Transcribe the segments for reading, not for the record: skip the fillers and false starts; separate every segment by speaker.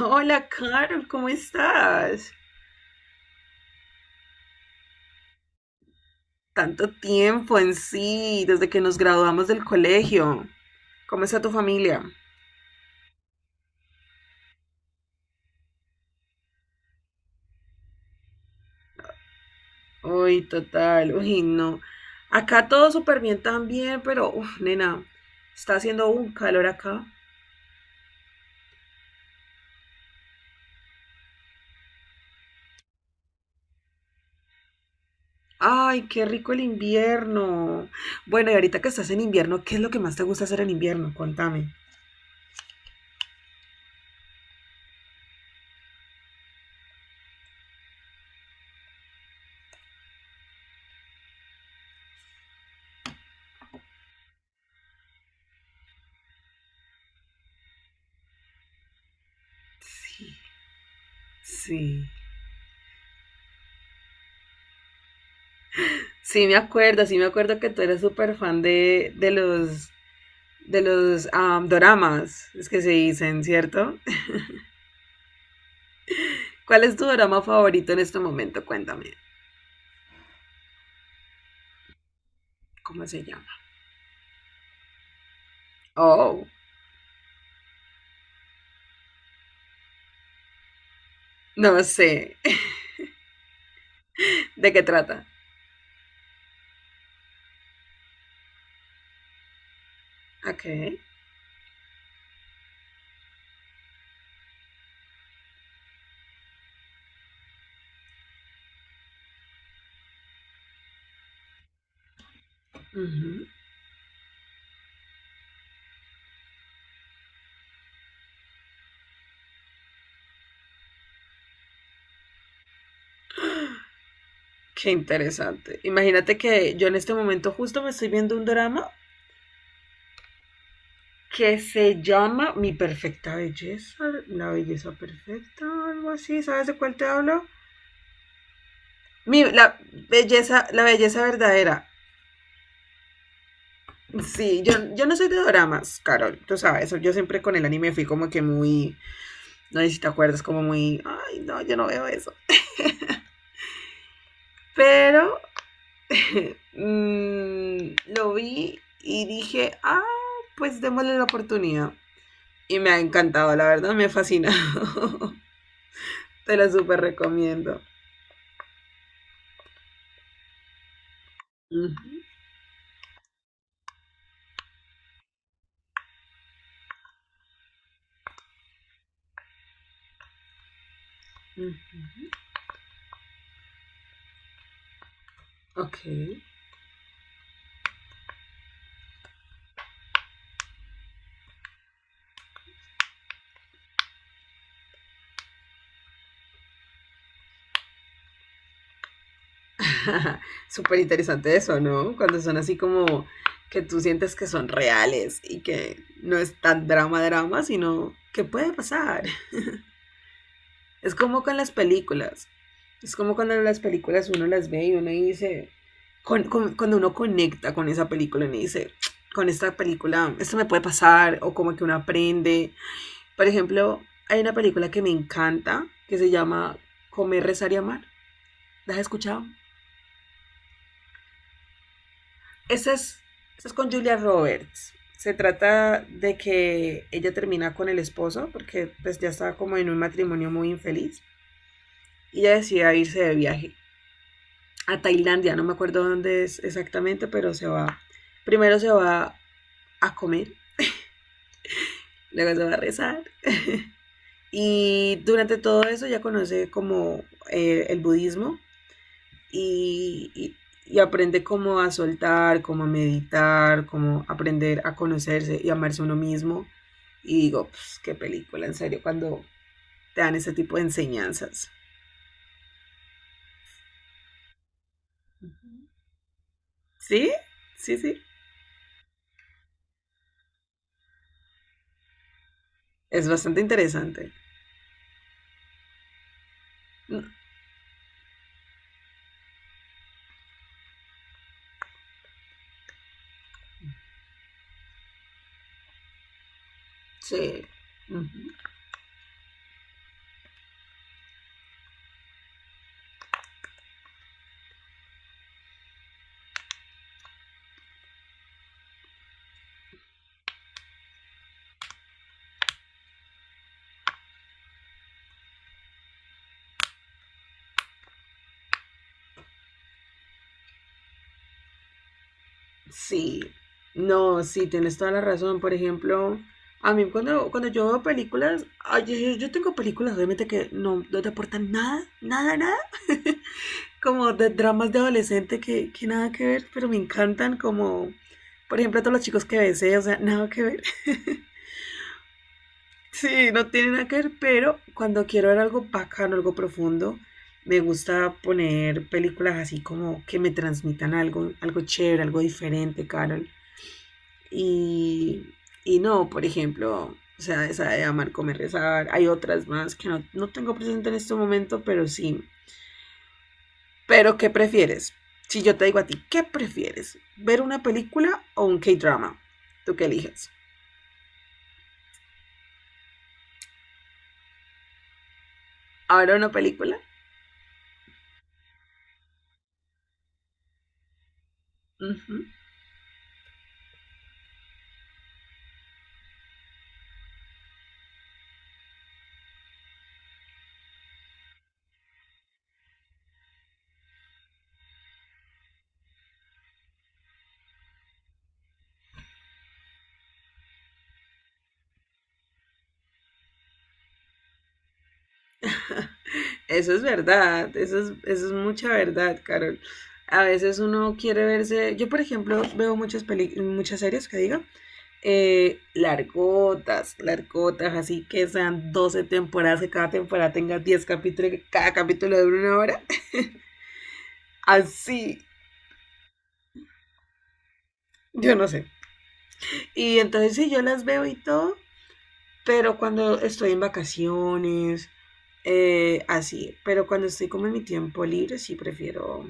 Speaker 1: Hola, Carol, ¿cómo estás? Tanto tiempo en sí, desde que nos graduamos del colegio. ¿Cómo está tu familia? Uy, total, uy, no. Acá todo súper bien también, pero, uf, nena, está haciendo un calor acá. Ay, qué rico el invierno. Bueno, y ahorita que estás en invierno, ¿qué es lo que más te gusta hacer en invierno? Contame. Sí, sí. Sí me acuerdo que tú eres súper fan de los doramas, es que se dicen, ¿cierto? ¿Cuál es tu dorama favorito en este momento? Cuéntame. ¿Cómo se llama? Oh, no sé. ¿De qué trata? Ok. Ujú. Qué interesante. Imagínate que yo en este momento justo me estoy viendo un drama que se llama Mi Perfecta Belleza, la belleza perfecta, algo así. ¿Sabes de cuál te hablo? Mi, la la belleza verdadera. Sí, yo no soy de doramas, Carol, tú sabes, yo siempre con el anime fui como que muy, no sé si te acuerdas, como muy, ay, no, yo no veo eso. Pero lo vi y dije, ah, pues démosle la oportunidad. Y me ha encantado, la verdad, me fascina. Te lo súper recomiendo. Ujú, ujú. Ok. Súper interesante eso, ¿no? Cuando son así como que tú sientes que son reales y que no es tan drama drama, sino que puede pasar. Es como con las películas. Es como cuando las películas uno las ve y uno dice, cuando uno conecta con esa película, uno dice, con esta película, esto me puede pasar, o como que uno aprende. Por ejemplo, hay una película que me encanta, que se llama Comer, Rezar y Amar. ¿La has escuchado? Esa es, esa es con Julia Roberts. Se trata de que ella termina con el esposo porque pues ya estaba como en un matrimonio muy infeliz y ella decide irse de viaje a Tailandia, no me acuerdo dónde es exactamente, pero se va, primero se va a comer, luego se va a rezar y durante todo eso ya conoce como el budismo y, y aprende como a soltar, como a meditar, como aprender a conocerse y amarse uno mismo. Y digo, pues, qué película, en serio, cuando te dan ese tipo de enseñanzas. ¿Sí? Sí, sí. Es bastante interesante. Sí. Sí. No, sí, tienes toda la razón. Por ejemplo, a mí cuando yo veo películas, ay, yo tengo películas obviamente que no te aportan nada, nada, nada. Como de dramas de adolescente que nada que ver, pero me encantan como, por ejemplo, todos los chicos que besé, o sea, nada que ver. Sí, no tiene nada que ver, pero cuando quiero ver algo bacano, algo profundo, me gusta poner películas así como que me transmitan algo, algo chévere, algo diferente, Carol. Y, y no, por ejemplo, o sea, esa de amar, comer, rezar. Hay otras más que no tengo presente en este momento, pero sí. Pero, ¿qué prefieres? Si yo te digo a ti, ¿qué prefieres? ¿Ver una película o un K-drama? ¿Tú qué eliges? ¿Ahora una película? Ujú. Eso es verdad, eso es mucha verdad, Carol. A veces uno quiere verse, yo por ejemplo veo muchas muchas series que digo, largotas, largotas, así que sean 12 temporadas, que cada temporada tenga 10 capítulos, que cada capítulo dure 1 hora, así, yo no sé. Y entonces si yo las veo y todo, pero cuando estoy en vacaciones, así. Pero cuando estoy como en mi tiempo libre, sí prefiero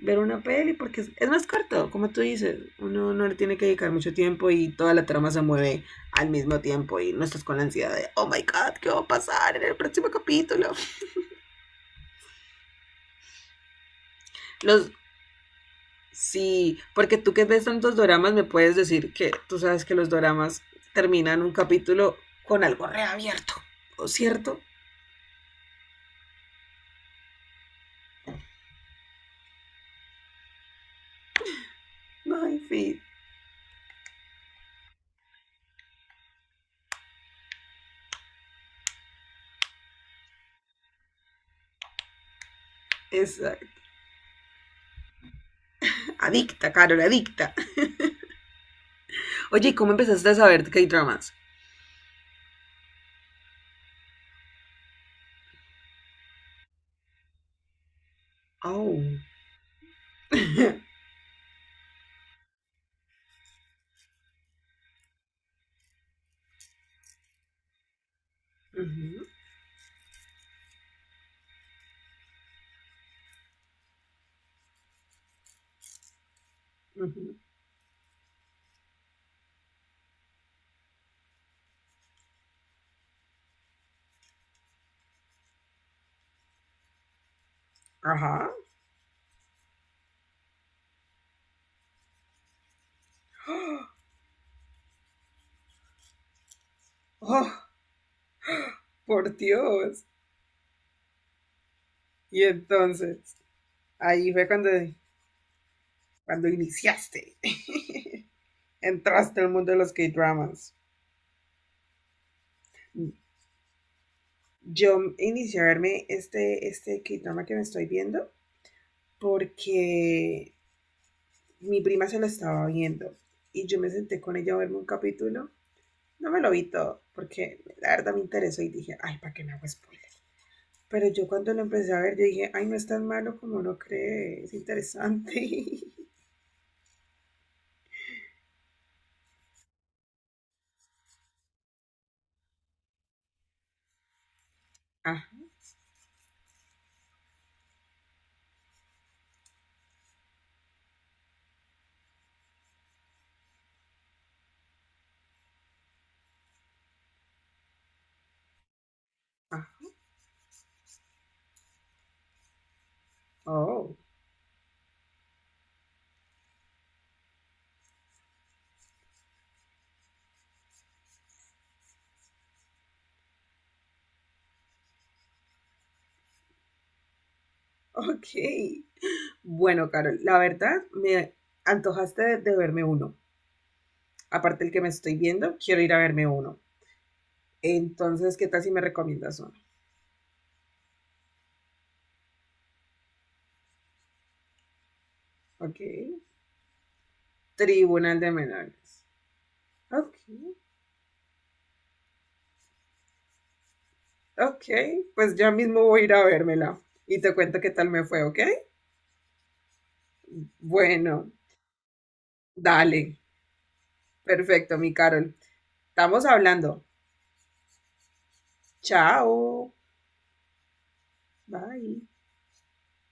Speaker 1: ver una peli porque es más corto, como tú dices. Uno no le tiene que dedicar mucho tiempo y toda la trama se mueve al mismo tiempo y no estás con la ansiedad de, oh my god, ¿qué va a pasar en el próximo capítulo? Los, sí, porque tú que ves tantos doramas me puedes decir que tú sabes que los doramas terminan un capítulo con algo reabierto, ¿o cierto? No, en fin, es, adicta, Carol, adicta. Oye, ¿cómo empezaste a saber K-dramas? Oh. Ujú, ujú. Ajá. Oh, por Dios. Y entonces, ahí fue cuando iniciaste. Entraste al mundo de los K-dramas. Yo inicié a verme este K-drama que me estoy viendo porque mi prima se lo estaba viendo y yo me senté con ella a verme un capítulo. No me lo vi todo, porque la verdad me interesó y dije, ay, ¿para qué me hago spoiler? Pero yo cuando lo empecé a ver, yo dije, ay, no es tan malo como no cree, es interesante. Ah, ah, oh, ok. Bueno, Carol, la verdad me antojaste de verme uno. Aparte el que me estoy viendo, quiero ir a verme uno. Entonces, ¿qué tal si me recomiendas uno? Ok. Tribunal de Menores. Ok, ok. Pues ya mismo voy a ir a vérmela y te cuento qué tal me fue, ¿ok? Bueno, dale. Perfecto, mi Carol. Estamos hablando. Chao. Bye.